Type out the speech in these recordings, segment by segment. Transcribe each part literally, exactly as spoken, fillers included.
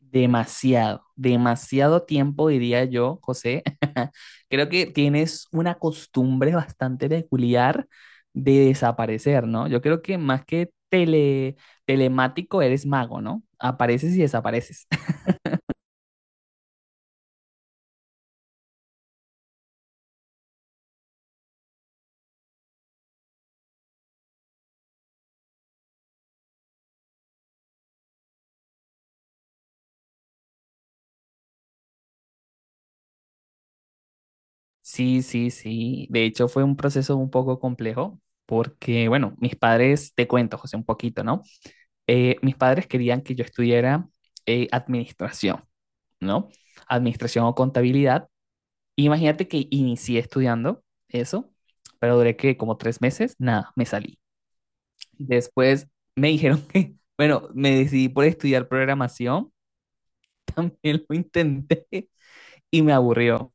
Demasiado, demasiado tiempo, diría yo, José. Creo que tienes una costumbre bastante peculiar de desaparecer, ¿no? Yo creo que más que tele, telemático eres mago, ¿no? Apareces y desapareces. Sí, sí, sí. De hecho, fue un proceso un poco complejo porque, bueno, mis padres, te cuento, José, un poquito, ¿no? Eh, mis padres querían que yo estudiara eh, administración, ¿no? Administración o contabilidad. Imagínate que inicié estudiando eso, pero duré que como tres meses, nada, me salí. Después me dijeron que, bueno, me decidí por estudiar programación, también lo intenté y me aburrió.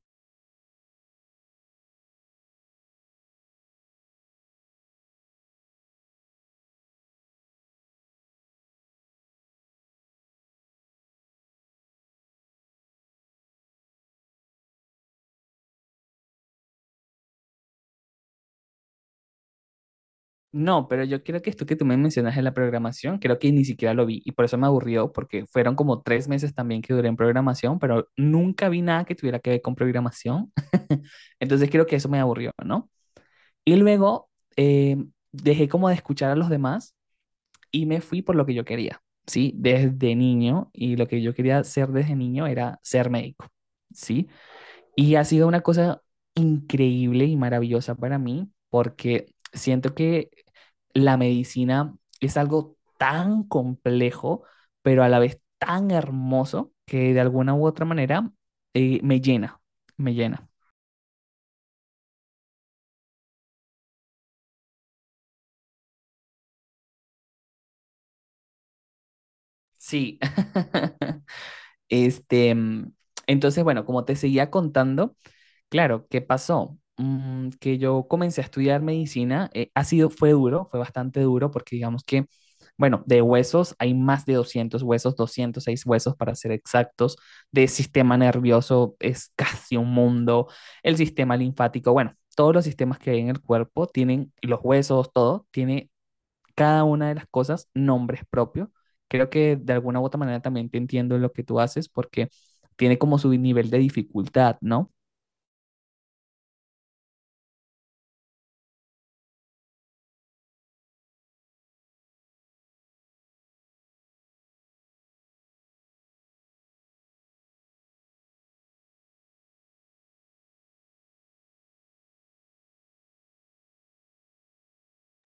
No, pero yo creo que esto que tú me mencionas en la programación, creo que ni siquiera lo vi y por eso me aburrió, porque fueron como tres meses también que duré en programación, pero nunca vi nada que tuviera que ver con programación. Entonces creo que eso me aburrió, ¿no? Y luego eh, dejé como de escuchar a los demás y me fui por lo que yo quería, ¿sí? Desde niño, y lo que yo quería ser desde niño era ser médico, ¿sí? Y ha sido una cosa increíble y maravillosa para mí, porque siento que la medicina es algo tan complejo, pero a la vez tan hermoso, que de alguna u otra manera eh, me llena, me llena. Sí. Este, mm, entonces, bueno, como te seguía contando. Claro, ¿qué pasó? Mm, que yo comencé a estudiar medicina, eh, ha sido, fue duro, fue bastante duro porque digamos que, bueno, de huesos hay más de doscientos huesos, doscientos seis huesos para ser exactos, de sistema nervioso es casi un mundo, el sistema linfático, bueno, todos los sistemas que hay en el cuerpo tienen, y los huesos, todo, tiene cada una de las cosas nombres propios. Creo que de alguna u otra manera también te entiendo en lo que tú haces porque tiene como su nivel de dificultad, ¿no?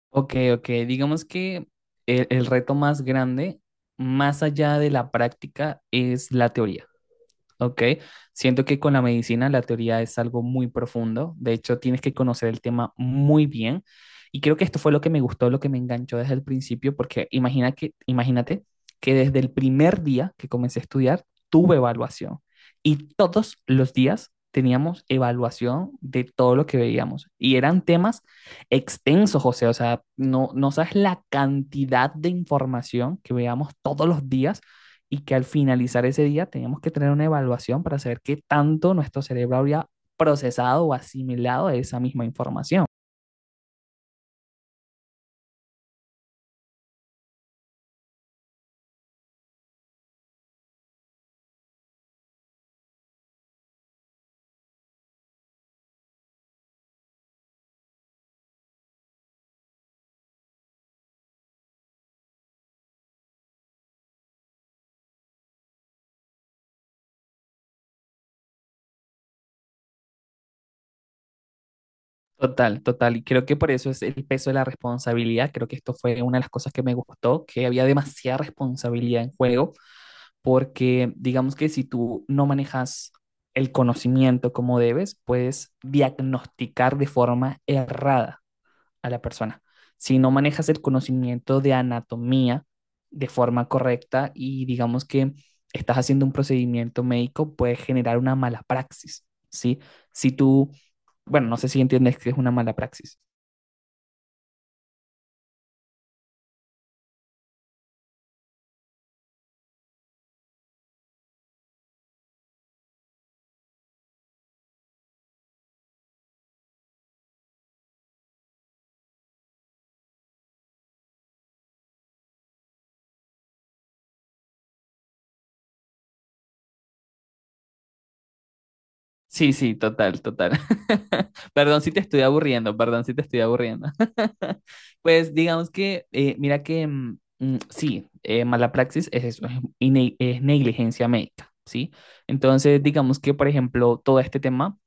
Ok, ok. Digamos que el, el reto más grande, más allá de la práctica, es la teoría. Ok, siento que con la medicina la teoría es algo muy profundo, de hecho tienes que conocer el tema muy bien y creo que esto fue lo que me gustó, lo que me enganchó desde el principio, porque imagina que, imagínate que desde el primer día que comencé a estudiar tuve evaluación y todos los días teníamos evaluación de todo lo que veíamos y eran temas extensos, José, o sea, no, no sabes la cantidad de información que veíamos todos los días y que al finalizar ese día teníamos que tener una evaluación para saber qué tanto nuestro cerebro habría procesado o asimilado esa misma información. Total, total. Y creo que por eso es el peso de la responsabilidad. Creo que esto fue una de las cosas que me gustó, que había demasiada responsabilidad en juego, porque digamos que si tú no manejas el conocimiento como debes, puedes diagnosticar de forma errada a la persona. Si no manejas el conocimiento de anatomía de forma correcta y digamos que estás haciendo un procedimiento médico, puede generar una mala praxis, ¿sí? Si tú, bueno, no sé si entiendes que es una mala praxis. Sí, sí, total, total. Perdón si te estoy aburriendo, perdón si te estoy aburriendo. Pues digamos que, eh, mira que, mm, mm, sí, eh, mala praxis es eso, es, ine- es negligencia médica, ¿sí? Entonces, digamos que, por ejemplo, todo este tema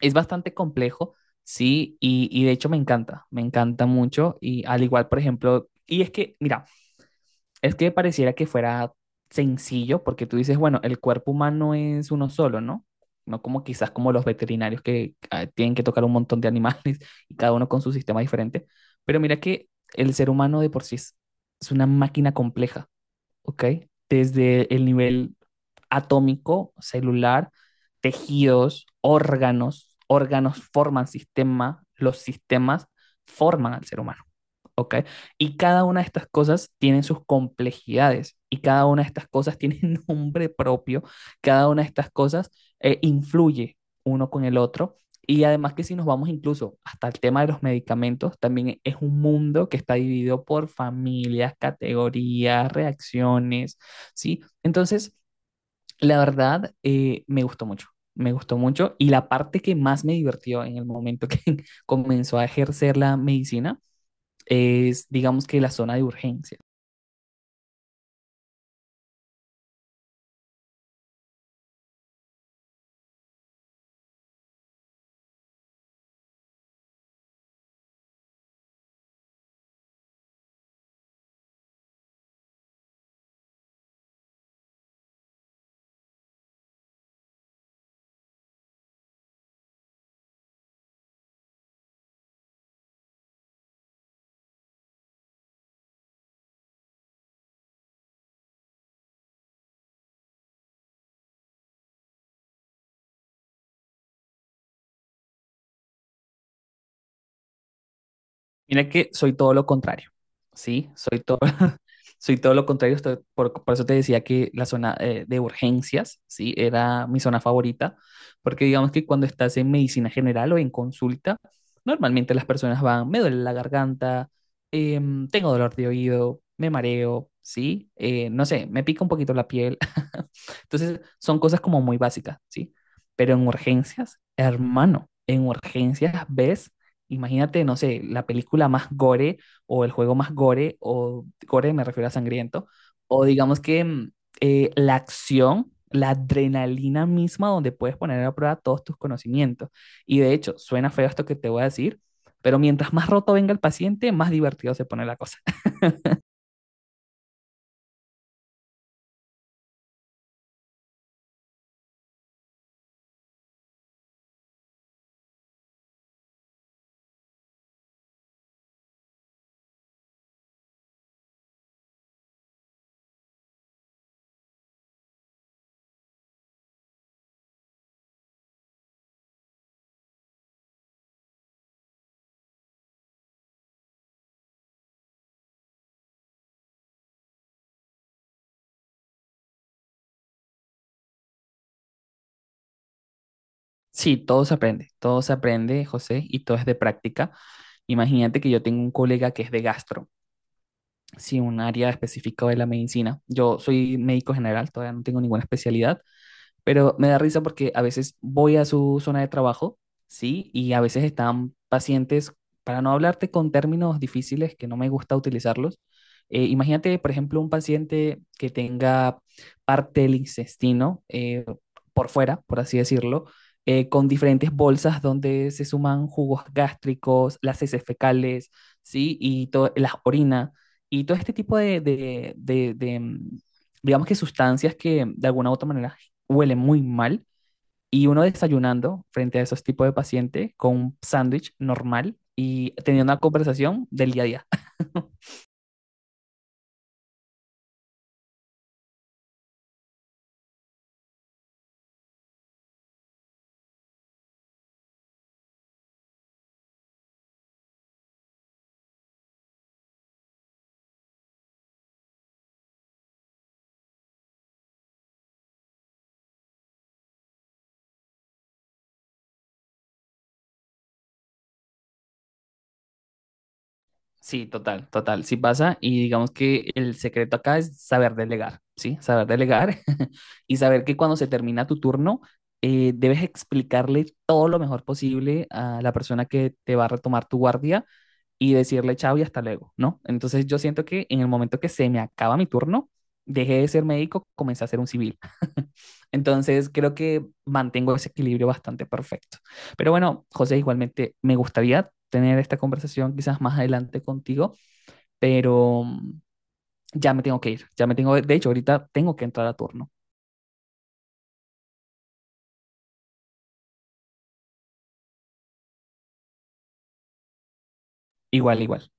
es bastante complejo, ¿sí? Y, y de hecho me encanta, me encanta mucho. Y al igual, por ejemplo, y es que, mira, es que pareciera que fuera sencillo, porque tú dices, bueno, el cuerpo humano es uno solo, ¿no? No como quizás como los veterinarios que ah, tienen que tocar un montón de animales y cada uno con su sistema diferente. Pero mira que el ser humano de por sí es, es una máquina compleja. ¿Ok? Desde el nivel atómico, celular, tejidos, órganos, órganos forman sistema, los sistemas forman al ser humano, ¿ok? Y cada una de estas cosas tienen sus complejidades y cada una de estas cosas tiene nombre propio, cada una de estas cosas eh, influye uno con el otro y además que si nos vamos incluso hasta el tema de los medicamentos, también es un mundo que está dividido por familias, categorías, reacciones, ¿sí? Entonces, la verdad, eh, me gustó mucho, me gustó mucho. Y la parte que más me divirtió en el momento que comenzó a ejercer la medicina es, digamos que, la zona de urgencias. Mira que soy todo lo contrario, ¿sí? Soy todo, soy todo lo contrario, estoy- por, por eso te decía que la zona eh, de urgencias, ¿sí? Era mi zona favorita, porque digamos que cuando estás en medicina general o en consulta, normalmente las personas van, me duele la garganta, em, tengo dolor de oído, me mareo, ¿sí? Eh, no sé, me pica un poquito la piel. Entonces, son cosas como muy básicas, ¿sí? Pero en urgencias, hermano, en urgencias ves. Imagínate, no sé, la película más gore o el juego más gore, o gore me refiero a sangriento, o digamos que mm, eh, la acción, la adrenalina misma donde puedes poner a prueba todos tus conocimientos. Y de hecho, suena feo esto que te voy a decir, pero mientras más roto venga el paciente, más divertido se pone la cosa. Sí, todo se aprende, todo se aprende, José, y todo es de práctica. Imagínate que yo tengo un colega que es de gastro, sí, un área específica de la medicina. Yo soy médico general, todavía no tengo ninguna especialidad. Pero me da risa porque a veces voy a su zona de trabajo, ¿sí? Y a veces están pacientes, para no hablarte con términos difíciles que no me gusta utilizarlos. Eh, imagínate, por ejemplo, un paciente que tenga parte del intestino eh, por fuera, por así decirlo, eh, con diferentes bolsas donde se suman jugos gástricos, las heces fecales, ¿sí? Y to- las orina, y todo este tipo de, de, de- de, mm, digamos que sustancias que de alguna u otra manera huele muy mal y uno desayunando frente a esos tipos de pacientes con un sándwich normal y teniendo una conversación del día a día. Sí, total, total, sí pasa. Y digamos que el secreto acá es saber delegar, ¿sí? Saber delegar. Y saber que cuando se termina tu turno, eh, debes explicarle todo lo mejor posible a la persona que te va a retomar tu guardia y decirle chao y hasta luego, ¿no? Entonces yo siento que en el momento que se me acaba mi turno, dejé de ser médico, comencé a ser un civil. Entonces creo que mantengo ese equilibrio bastante perfecto. Pero bueno, José, igualmente me gustaría tener esta conversación quizás más adelante contigo, pero mm, ya me tengo que ir, ya me tengo, de hecho, ahorita tengo que entrar a turno. Igual, igual.